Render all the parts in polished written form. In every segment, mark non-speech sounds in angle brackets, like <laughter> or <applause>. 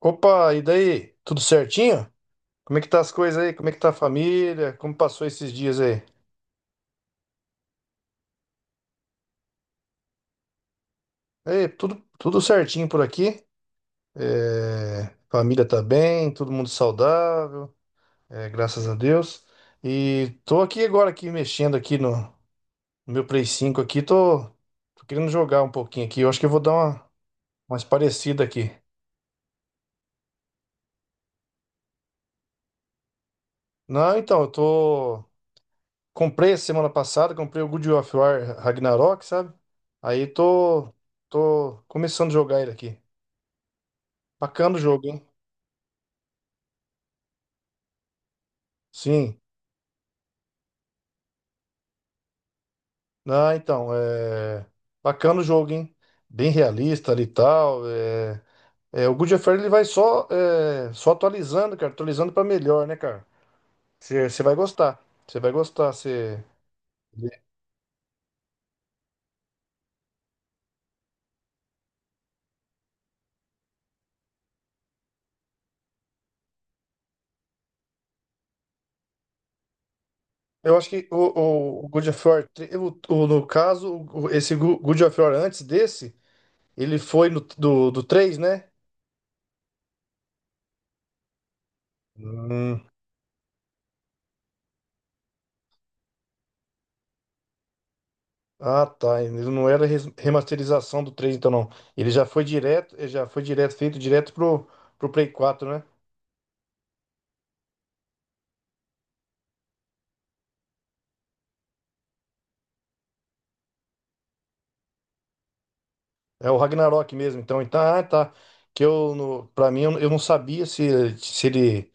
Opa, e daí? Tudo certinho? Como é que tá as coisas aí? Como é que tá a família? Como passou esses dias aí? É, tudo certinho por aqui. É, família tá bem, todo mundo saudável, graças a Deus. E tô aqui agora aqui mexendo aqui no meu Play cinco aqui, tô querendo jogar um pouquinho aqui. Eu acho que eu vou dar uma mais parecida aqui. Não, então, eu tô comprei essa semana passada, comprei o God of War Ragnarok, sabe? Aí tô começando a jogar ele aqui. Bacana o jogo, hein? Sim. Ah, então, bacana o jogo, hein? Bem realista ali e tal. O God of War ele vai só atualizando, cara. Atualizando pra melhor, né, cara? Você vai gostar. Você vai gostar. Você... Eu acho que o God of War, no caso, God of War antes desse, ele foi no, do, do 3, né? Hum. Ah, tá. Ele não era remasterização do 3, então não. Ele já foi direto, feito direto pro Play quatro, né? É o Ragnarok mesmo, então. Então, ah, tá. Que eu, no, Pra mim, eu não sabia se ele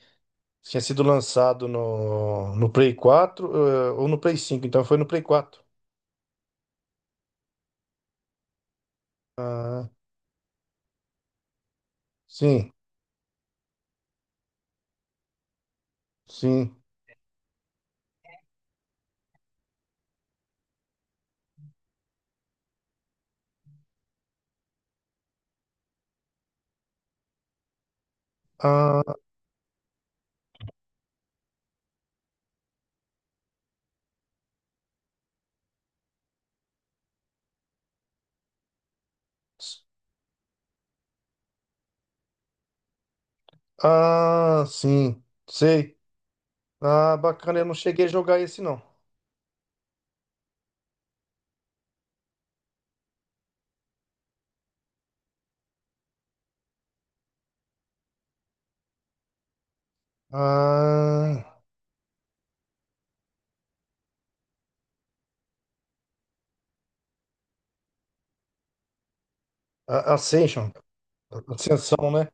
tinha sido lançado no Play quatro, ou no Play cinco. Então foi no Play quatro. Ah, sim, sim. Ah, s- sim, sei. Ah, bacana, eu não cheguei a jogar esse não. Ah, Ascension. Ascensão, né?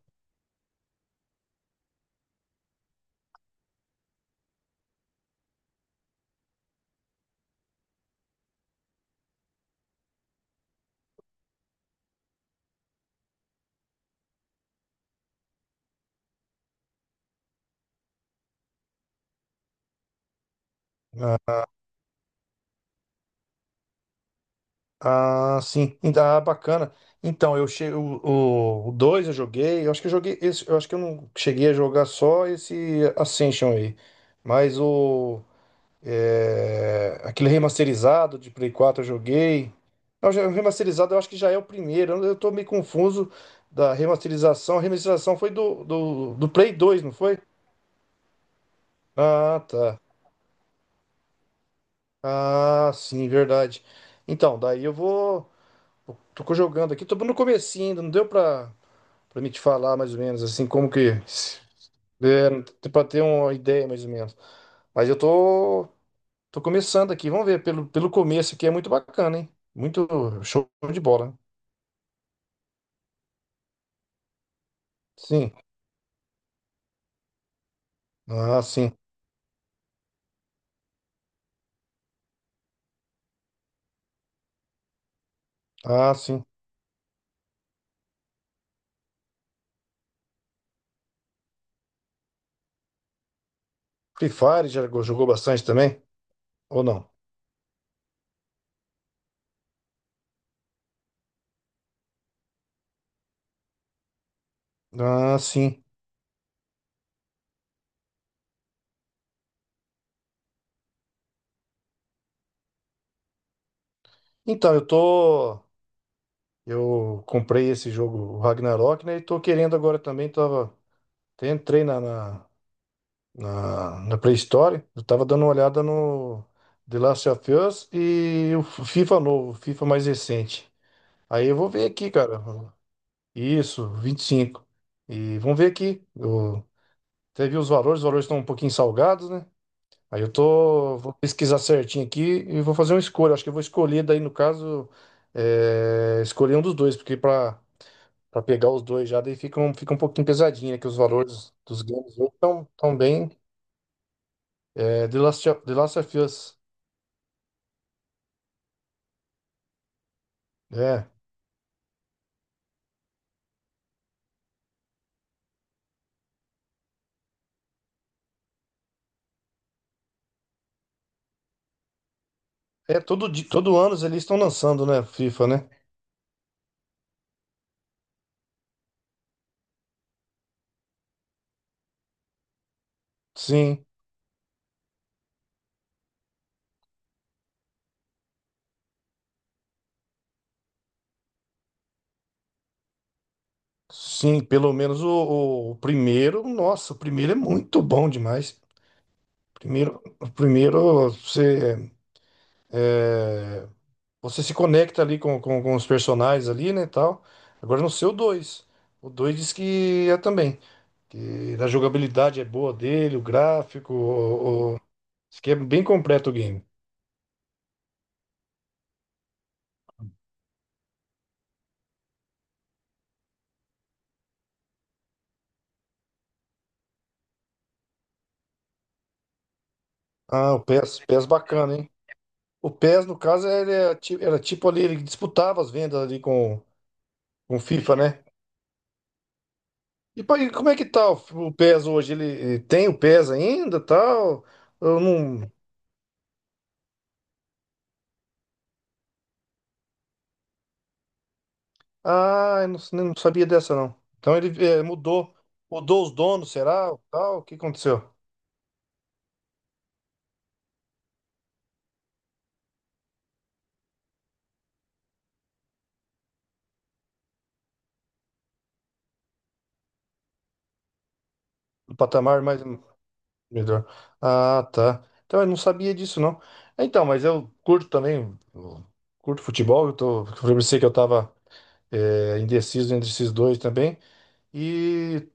Ah, ah, sim. Ainda bacana. Então, eu cheguei o 2 eu joguei, eu acho que eu joguei esse, eu acho que eu não cheguei a jogar só esse Ascension aí. Mas aquele remasterizado de Play 4 eu joguei. Não, o remasterizado eu acho que já é o primeiro. Eu tô meio confuso da remasterização. A remasterização foi do Play 2, não foi? Ah, tá. Ah, sim, verdade. Então, daí eu vou. Tô jogando aqui, tô no comecinho ainda, não deu pra me te falar mais ou menos, assim, como que... É, não tem pra ter uma ideia mais ou menos. Mas eu tô começando aqui, vamos ver, pelo começo aqui é muito bacana, hein? Muito show de bola, né? Sim, ah, sim, ah, sim. Free Fire já jogou bastante também? Ou não? Ah, sim. Então, eu comprei esse jogo, o Ragnarok, né? E tô querendo agora também, tava... até entrei na pré-história. Eu tava dando uma olhada no The Last of Us e o FIFA novo, o FIFA mais recente. Aí eu vou ver aqui, cara. Isso, vinte e cinco, e vamos ver aqui. Eu até vi os valores estão um pouquinho salgados, né? Aí vou pesquisar certinho aqui e vou fazer uma escolha. Acho que eu vou escolher daí, no caso, escolher um dos dois, porque para pegar os dois já, daí fica um pouquinho pesadinho, né? Que os valores dos games hoje estão tão tão bem. É, The Last of Us. É. É, todo ano eles estão lançando, né? FIFA, né? Sim, sim, pelo menos o primeiro. Nossa, o primeiro é muito bom demais. Primeiro, o primeiro é, você se conecta ali com os personagens ali, né, tal. Agora não sei o dois. O 2 diz que é também. Que a jogabilidade é boa dele, o gráfico, diz que é bem completo o game. Ah, o PES, PES bacana, hein? O PES, no caso, ele é era tipo ali, ele disputava as vendas ali com o FIFA, né? E pô, e como é que tá o PES hoje? Ele tem o PES ainda, tal? Eu não. Ah, eu não, não sabia dessa, não. Então ele mudou os donos, será? Tal? O que aconteceu? O patamar mais melhor. Ah, tá. Então eu não sabia disso, não. Então, mas eu curto também, eu curto futebol. Eu pensei que eu tava indeciso entre esses dois também. E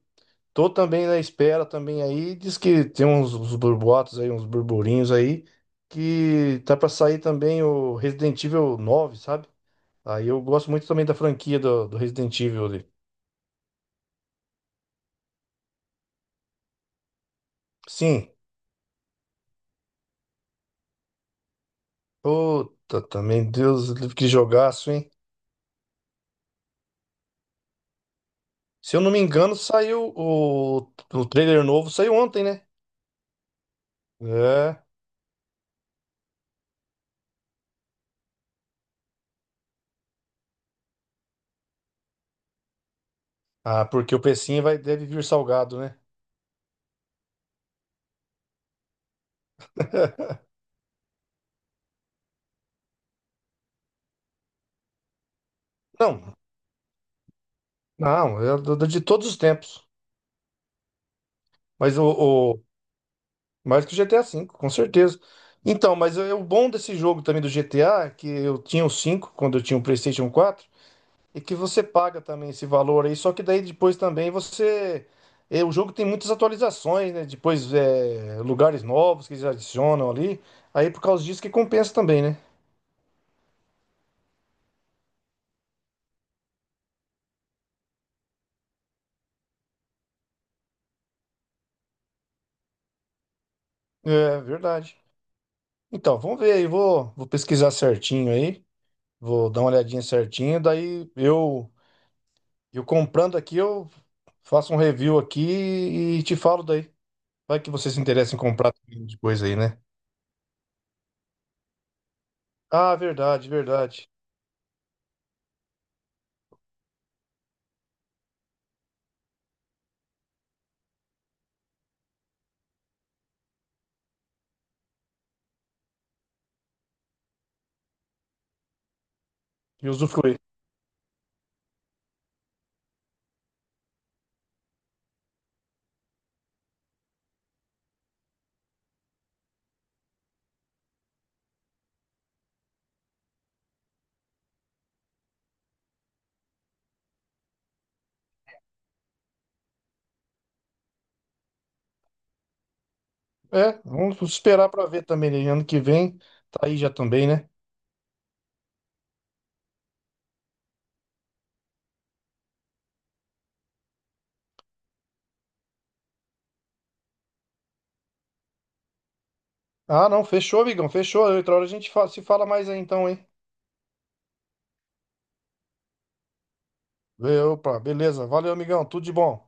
tô também na espera também aí. Diz que tem uns burboatos aí, uns burburinhos aí, que tá pra sair também o Resident Evil nove, sabe? Aí eu gosto muito também da franquia do Resident Evil ali. Sim. Puta, também, Deus, que jogaço, hein? Se eu não me engano, saiu o trailer novo, saiu ontem, né? É. Ah, porque o precinho vai, deve vir salgado, né? <laughs> Não, não, é de todos os tempos. Mas o, Mais que o GTA V, com certeza. Então, mas é o bom desse jogo também do GTA, que eu tinha o 5 quando eu tinha o PlayStation quatro. E que você paga também esse valor aí, só que daí depois também você. É, o jogo tem muitas atualizações, né? Depois é, lugares novos que eles adicionam ali. Aí por causa disso que compensa também, né? É verdade. Então, vamos ver aí, vou pesquisar certinho aí, vou dar uma olhadinha certinho, daí eu comprando aqui, eu faço um review aqui e te falo daí. Vai que você se interessa em comprar depois aí, né? Ah, verdade, verdade. E usufruir. É, vamos esperar pra ver também, né? Ano que vem tá aí já também, né? Ah, não, fechou, amigão, fechou. Outra hora a gente se fala mais aí então, hein? Opa, beleza. Valeu, amigão, tudo de bom.